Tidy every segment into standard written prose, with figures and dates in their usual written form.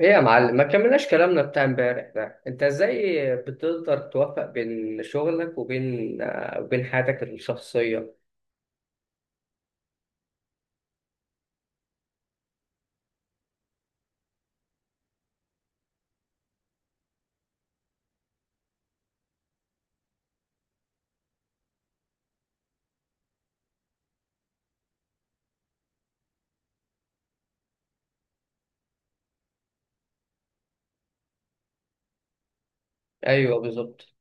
ايه يا معلم، ما كملناش كلامنا بتاع امبارح ده. انت ازاي بتقدر توفق بين شغلك وبين وبين حياتك الشخصية؟ ايوه بالظبط.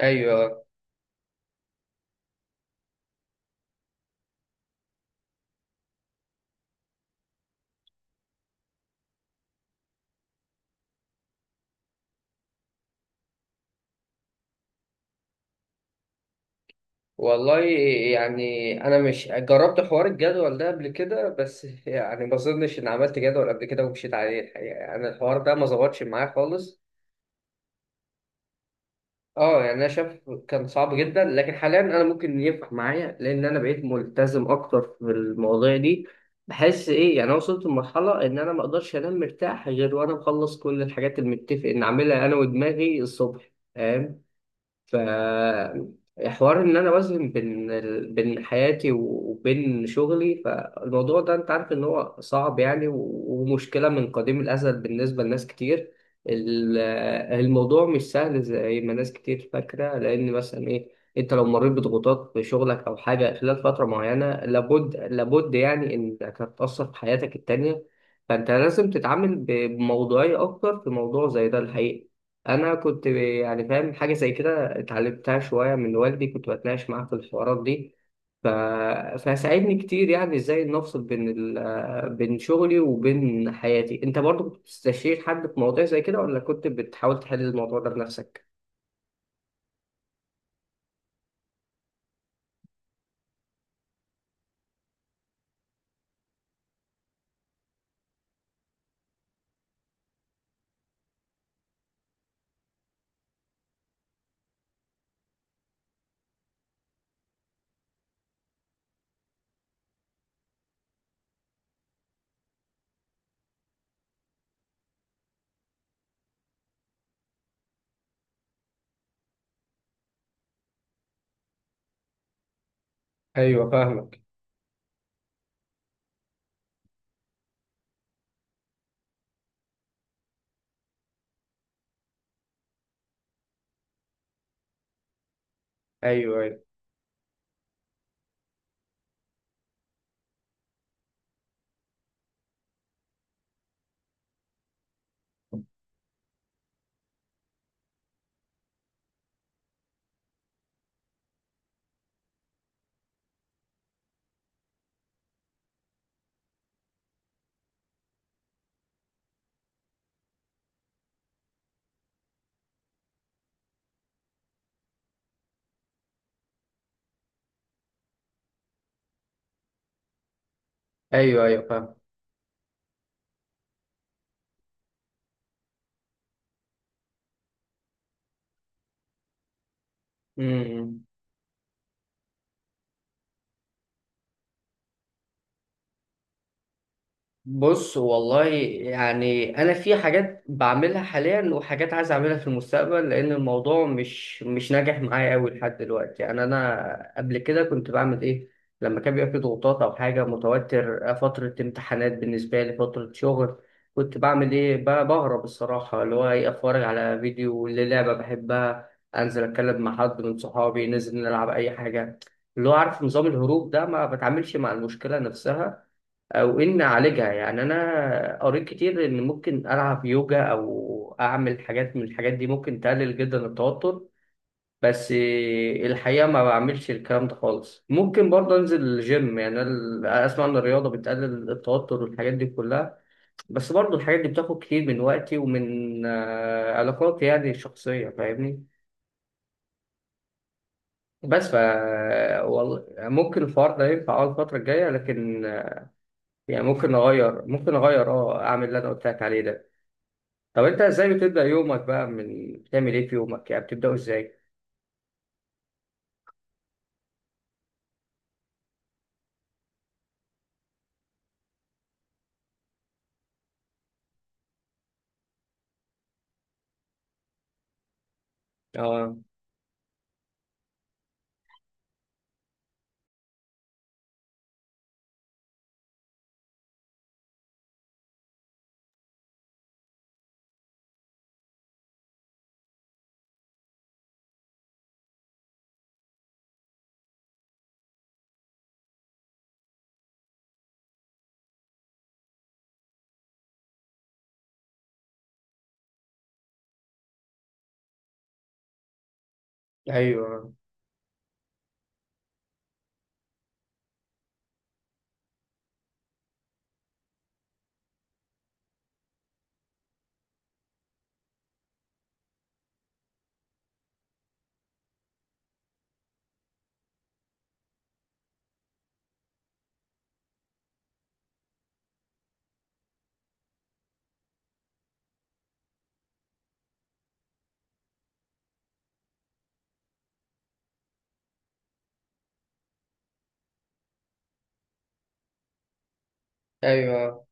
ايوه والله، يعني انا مش جربت حوار الجدول ده قبل كده. بس يعني ما اظنش ان عملت جدول قبل كده ومشيت عليه الحقيقة. يعني الحوار ده ما ظبطش معايا خالص. اه يعني انا شايف كان صعب جدا، لكن حاليا انا ممكن ينفع معايا لان انا بقيت ملتزم اكتر في المواضيع دي. بحس ايه، يعني انا وصلت لمرحله ان انا ما اقدرش انام مرتاح غير وانا مخلص كل الحاجات اللي متفق ان اعملها انا ودماغي الصبح، فاهم؟ ف حوار ان انا اوازن بين بين حياتي وبين شغلي، فالموضوع ده انت عارف ان هو صعب يعني، ومشكله من قديم الازل بالنسبه لناس كتير. ال- الموضوع مش سهل زي ما ناس كتير فاكره، لان مثلا ايه، انت لو مريت بضغوطات في شغلك او حاجه خلال فتره معينه، لابد يعني انك هتاثر في حياتك التانيه. فانت لازم تتعامل بموضوعيه اكتر في موضوع زي ده الحقيقه. انا كنت يعني فاهم حاجه زي كده، اتعلمتها شوية من والدي، كنت بتناقش معاه في الحوارات دي. ف... فساعدني كتير يعني ازاي نفصل بين بين شغلي وبين حياتي. انت برضو كنت بتستشير حد في مواضيع زي كده، ولا كنت بتحاول تحل الموضوع ده بنفسك؟ ايوه فاهمك. ايوه ايوه. ايوه ايوه فاهم. امم بص والله، يعني انا في حاجات بعملها حاليا وحاجات عايز اعملها في المستقبل، لان الموضوع مش ناجح معايا قوي لحد دلوقتي. يعني انا قبل كده كنت بعمل ايه، لما كان بيبقى في ضغوطات او حاجه متوتر، فتره امتحانات بالنسبه لي، فتره شغل، كنت بعمل ايه، بهرب الصراحه، اللي هو ايه، اتفرج على فيديو للعبه بحبها، انزل اتكلم مع حد من صحابي، ننزل نلعب اي حاجه. اللي هو عارف نظام الهروب ده، ما بتعاملش مع المشكله نفسها او ان اعالجها. يعني انا قريت كتير ان ممكن العب يوجا او اعمل حاجات من الحاجات دي ممكن تقلل جدا التوتر، بس الحقيقه ما بعملش الكلام ده خالص. ممكن برضه انزل الجيم، يعني أنا اسمع ان الرياضه بتقلل التوتر والحاجات دي كلها، بس برضه الحاجات دي بتاخد كتير من وقتي ومن علاقاتي يعني الشخصيه، فاهمني؟ بس ف والله ممكن الحوار ده ينفع اه الفتره الجايه، لكن يعني ممكن اغير اه اعمل اللي انا قلت لك عليه ده. طب انت ازاي بتبدأ يومك بقى، من بتعمل ايه في يومك، يعني بتبدأه ازاي؟ اه. ايوه ايوه.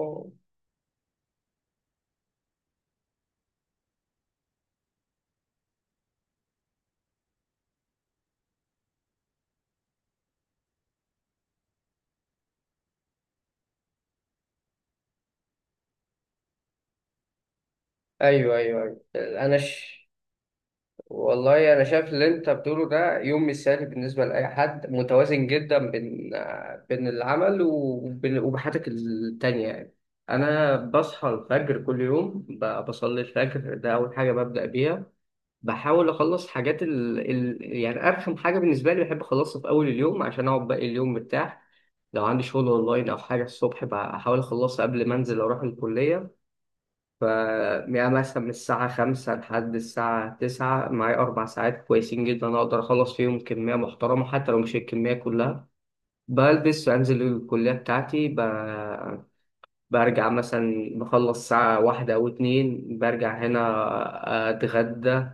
أوه. ايوه ايوه ايوه انا ش... والله انا شايف اللي انت بتقوله ده يوم مثالي بالنسبه لاي حد، متوازن جدا بين بين العمل وبين وبحياتك التانيه يعني. انا بصحى الفجر كل يوم، بصلي الفجر، ده اول حاجه ببدا بيها. بحاول اخلص حاجات يعني ارخم حاجه بالنسبه لي بحب اخلصها في اول اليوم، عشان اقعد باقي اليوم مرتاح. لو عندي شغل اونلاين او حاجه الصبح بحاول اخلصها قبل ما انزل اروح الكليه. ف يعني مثلا من الساعه 5 لحد الساعه 9 معايا اربع ساعات كويسين جدا، اقدر اخلص فيهم كميه محترمه حتى لو مش الكميه كلها. بلبس وانزل الكليه بتاعتي برجع مثلا، بخلص ساعة واحدة أو اتنين برجع هنا أتغدى.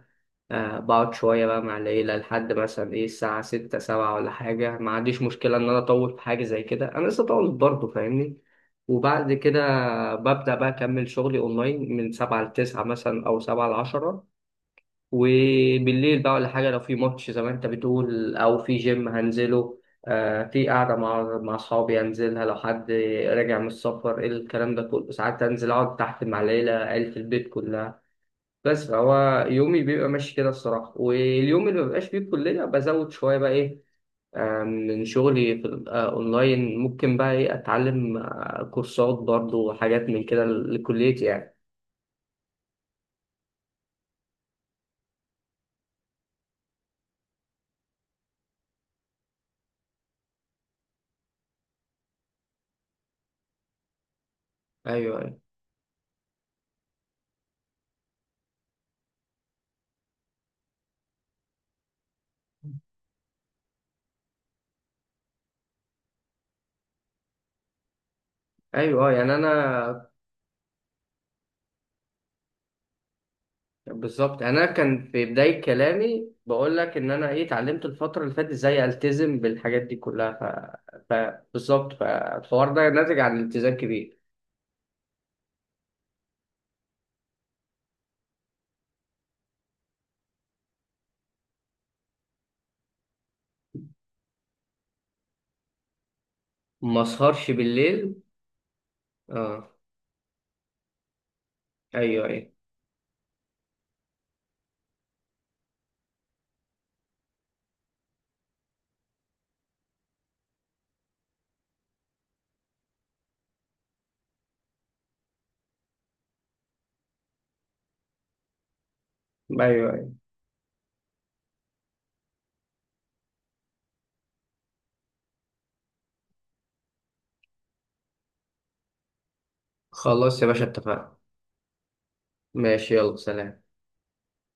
آه بقعد شوية بقى مع العيلة لحد مثلا إيه الساعة ستة سبعة ولا حاجة، ما عنديش مشكلة إن أنا أطول في حاجة زي كده، أنا لسه طولت برضه فاهمني. وبعد كده ببدأ بقى أكمل شغلي أونلاين من سبعة لتسعة مثلا أو سبعة لعشرة. وبالليل بقى ولا حاجة، لو في ماتش زي ما أنت بتقول أو في جيم هنزله، آه في قعدة مع مع أصحابي هنزلها لو حد راجع من السفر إيه الكلام ده كله، ساعات أنزل أقعد تحت مع العيلة، عيلة البيت كلها. بس فهو يومي بيبقى ماشي كده الصراحة. واليوم اللي مبقاش فيه الكلية بزود شوية بقى إيه من شغلي في أونلاين، ممكن بقى إيه أتعلم كورسات برضو وحاجات من كده لكليتي يعني. أيوه أيوه أيوه. يعني أنا بالظبط، يعني أنا كان في بداية كلامي بقول لك إن أنا إيه اتعلمت الفترة اللي فاتت إزاي ألتزم بالحاجات دي كلها بالظبط، فالحوار ده ناتج عن التزام كبير. ما أسهرش بالليل؟ أه. أيوه أيوه أيوه. خلاص يا باشا اتفقنا. ماشي، يلا سلام.